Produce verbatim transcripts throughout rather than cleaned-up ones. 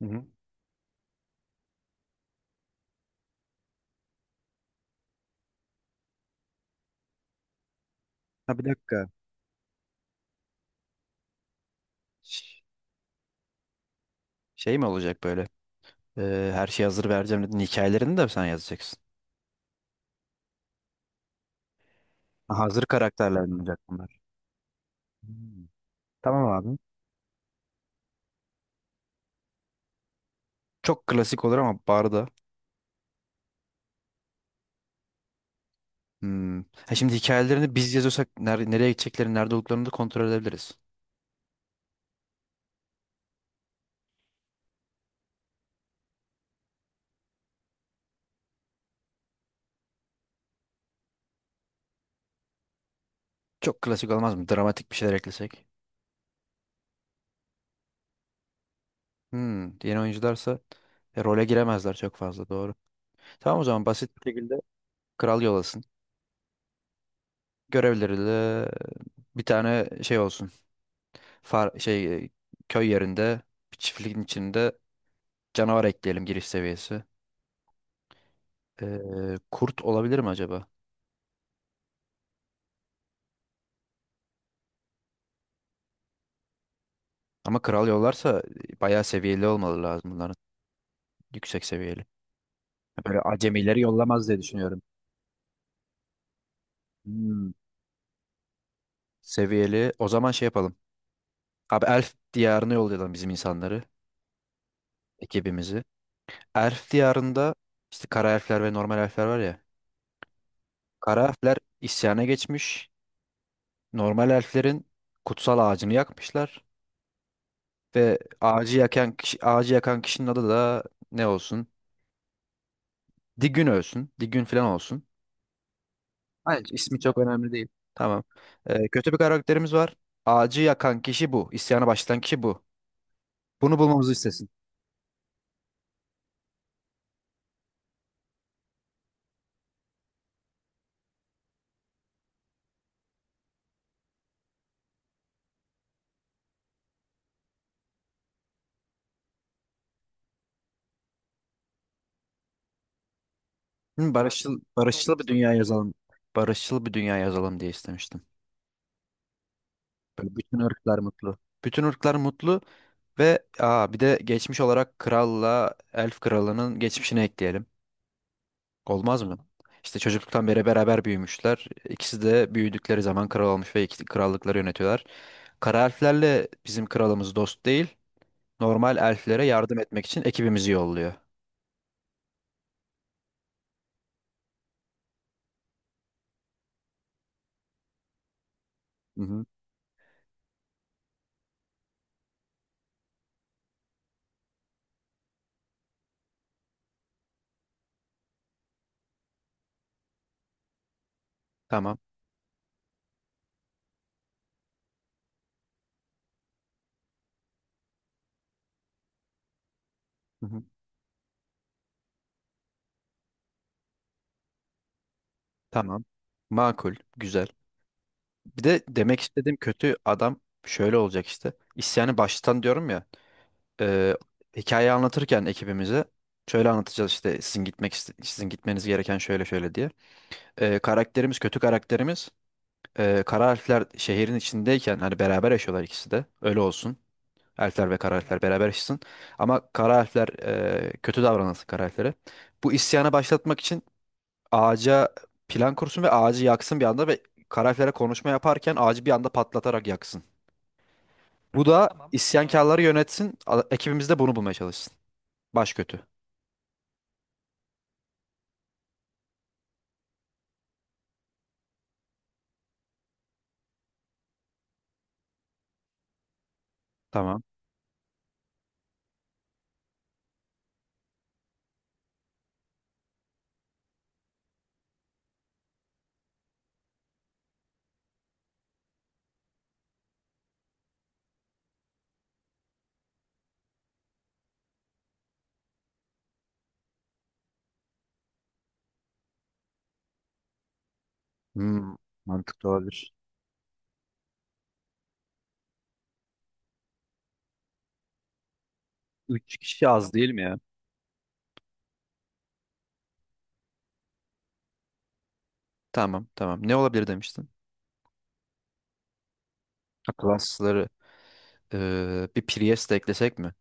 Hı hı. Ha, bir dakika. Ş- Şey mi olacak böyle? Ee, her şey hazır vereceğim dedin. Hikayelerini de sen yazacaksın. Ha, hazır karakterler mi olacak bunlar? Hmm. Tamam abi. Çok klasik olur ama barda. Hmm. Ha, şimdi hikayelerini biz yazıyorsak ner- nereye gideceklerini, nerede olduklarını da kontrol edebiliriz. Çok klasik olmaz mı? Dramatik bir şeyler eklesek. Hmm. Yeni oyuncularsa e, role giremezler çok fazla doğru. Tamam, o zaman basit bir şekilde kral yol alsın. Görevleri bir tane şey olsun. Far, şey e, köy yerinde bir çiftliğin içinde canavar ekleyelim giriş seviyesi. Ee, Kurt olabilir mi acaba? Ama kral yollarsa e, bayağı seviyeli olmalı lazım bunların. Yüksek seviyeli. Böyle acemileri yollamaz diye düşünüyorum. Hmm, Seviyeli. O zaman şey yapalım. Abi, Elf diyarına yollayalım bizim insanları. Ekibimizi. Elf diyarında işte kara elfler ve normal elfler var ya. Kara elfler isyana geçmiş. Normal elflerin kutsal ağacını yakmışlar. Ve ağacı yakan kişi, ağacı yakan kişinin adı da ne olsun? Digün olsun. Digün falan olsun. Hayır, ismi çok önemli değil. Tamam. Ee, kötü bir karakterimiz var. Ağacı yakan kişi bu. İsyana başlatan kişi bu. Bunu bulmamızı istesin. Hı, barışçıl, barışçıl bir dünya yazalım. Barışçıl bir dünya yazalım diye istemiştim. Böyle bütün ırklar mutlu. Bütün ırklar mutlu ve aa, bir de geçmiş olarak kralla elf kralının geçmişini ekleyelim. Olmaz mı? İşte çocukluktan beri beraber büyümüşler. İkisi de büyüdükleri zaman kral olmuş ve iki krallıkları yönetiyorlar. Kara elflerle bizim kralımız dost değil. Normal elflere yardım etmek için ekibimizi yolluyor. Hı hı. Tamam. Hı hı. Tamam. Makul. Güzel. Bir de demek istediğim kötü adam şöyle olacak işte. İsyanı baştan diyorum ya. E, Hikayeyi anlatırken ekibimize şöyle anlatacağız işte sizin gitmek iste- sizin gitmeniz gereken şöyle şöyle diye. E, karakterimiz kötü karakterimiz e, kara elfler şehrin içindeyken hani beraber yaşıyorlar ikisi de. Öyle olsun. Elfler ve kara elfler beraber yaşasın. Ama kara elfler e, kötü davranılsın kara elflere. Bu isyanı başlatmak için ağaca plan kursun ve ağacı yaksın bir anda ve kara elflere konuşma yaparken ağacı bir anda patlatarak yaksın. Bu da, tamam, tamam, isyankarları yönetsin. A- Ekibimiz de bunu bulmaya çalışsın. Baş kötü. Tamam. Hmm, Mantıklı olabilir. Üç kişi az, tamam, değil mi ya? Tamam, tamam. Ne olabilir demiştin? Ha, klasları e, bir Priest de eklesek mi?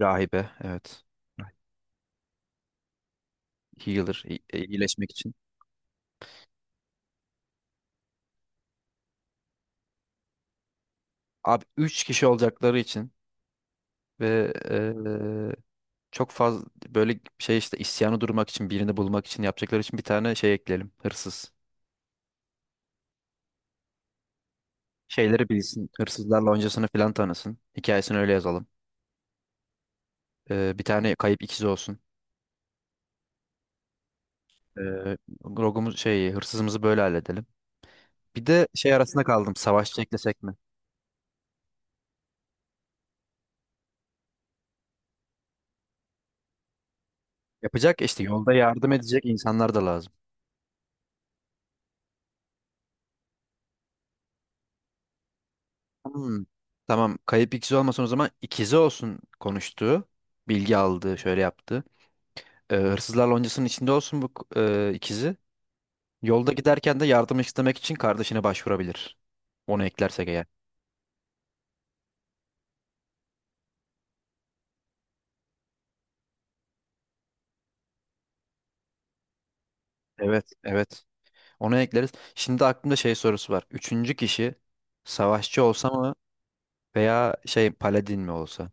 Rahibe, evet. Healer, i- e, iyileşmek için. Abi, üç kişi olacakları için ve e, çok fazla böyle şey işte isyanı durmak için, birini bulmak için yapacakları için bir tane şey ekleyelim. Hırsız. Şeyleri bilsin. Hırsızlarla öncesini filan tanısın. Hikayesini öyle yazalım. E, bir tane kayıp ikizi olsun. E, Rogumuz şey hırsızımızı böyle halledelim. Bir de şey arasında kaldım. Savaşçı eklesek mi? Yapacak işte yolda yardım edecek insanlar da lazım. Hmm, tamam. Kayıp ikizi olmasın, o zaman ikizi olsun konuştuğu. Bilgi aldı, şöyle yaptı. Ee, hırsızlar loncasının içinde olsun bu e, ikizi. Yolda giderken de yardım istemek için kardeşine başvurabilir. Onu eklersek eğer. Evet, evet. Onu ekleriz. Şimdi aklımda şey sorusu var. Üçüncü kişi savaşçı olsa mı veya şey paladin mi olsa?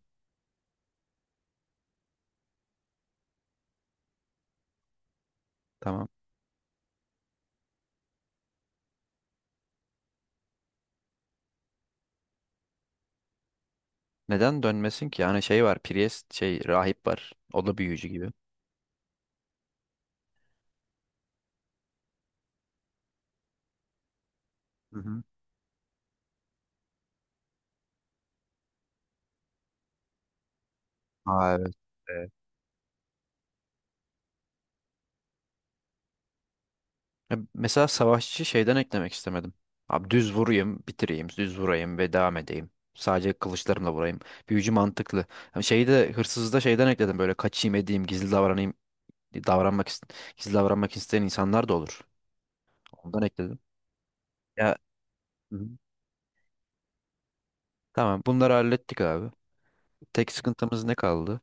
Tamam. Neden dönmesin ki? Yani şey var, priest, şey rahip var. O da büyücü gibi. Hı hı. Aa, evet. Ya, mesela savaşçı şeyden eklemek istemedim. Abi, düz vurayım, bitireyim, düz vurayım ve devam edeyim. Sadece kılıçlarımla vurayım. Büyücü mantıklı. Hani şeyi de hırsızda şeyden ekledim, böyle kaçayım edeyim, gizli davranayım, davranmak ist- gizli davranmak isteyen insanlar da olur. Ondan ekledim. Ya, hı hı, tamam, bunları hallettik abi. Tek sıkıntımız ne kaldı?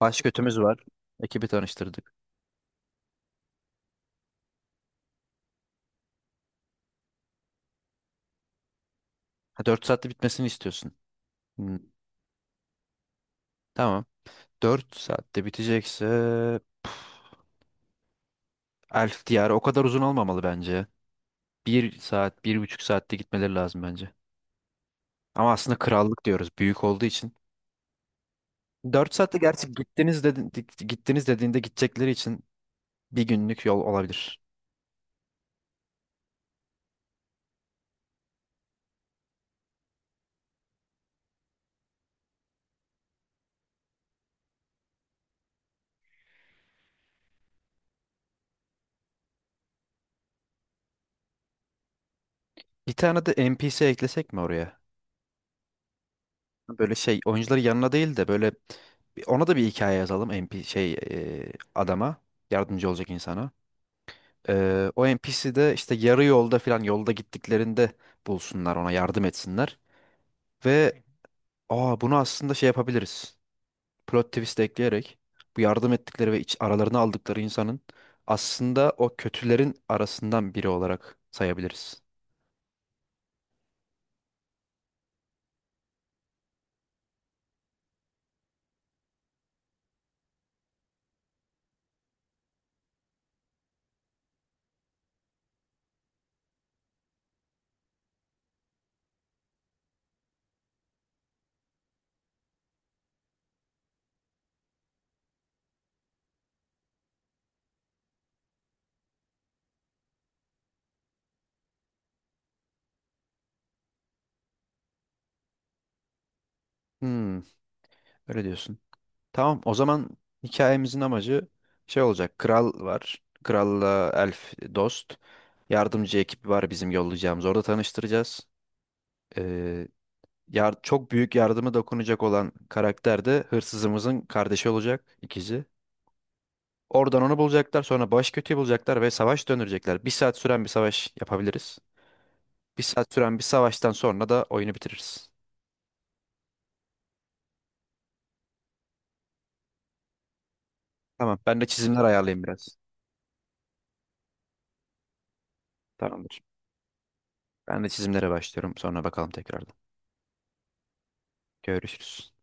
Baş kötümüz var. Ekibi tanıştırdık. Ha, dört saatte bitmesini istiyorsun. Hı, tamam. Dört saatte bitecekse Elf diyarı o kadar uzun olmamalı bence. Bir saat, bir buçuk saatte gitmeleri lazım bence. Ama aslında krallık diyoruz büyük olduğu için. Dört saatte gerçi gittiniz, dedin, gittiniz dediğinde gidecekleri için bir günlük yol olabilir. Bir tane de N P C eklesek mi oraya? Böyle şey oyuncuları yanına değil de böyle bir- ona da bir hikaye yazalım, N P C şey e, adama yardımcı olacak insana. Ee, o N P C de işte yarı yolda falan yolda gittiklerinde bulsunlar, ona yardım etsinler. Ve aa bunu aslında şey yapabiliriz. Plot twist ekleyerek bu yardım ettikleri ve iç, aralarına aldıkları insanın aslında o kötülerin arasından biri olarak sayabiliriz. Hmm, Öyle diyorsun. Tamam, o zaman hikayemizin amacı şey olacak. Kral var. Kralla elf dost. Yardımcı ekip var bizim yollayacağımız. Orada tanıştıracağız. Ee, yar- çok büyük yardımı dokunacak olan karakter de hırsızımızın kardeşi olacak, ikizi. Oradan onu bulacaklar. Sonra baş kötüyü bulacaklar ve savaş döndürecekler. Bir saat süren bir savaş yapabiliriz. Bir saat süren bir savaştan sonra da oyunu bitiririz. Tamam. Ben de çizimler ayarlayayım biraz. Tamamdır. Ben de çizimlere başlıyorum. Sonra bakalım tekrardan. Görüşürüz.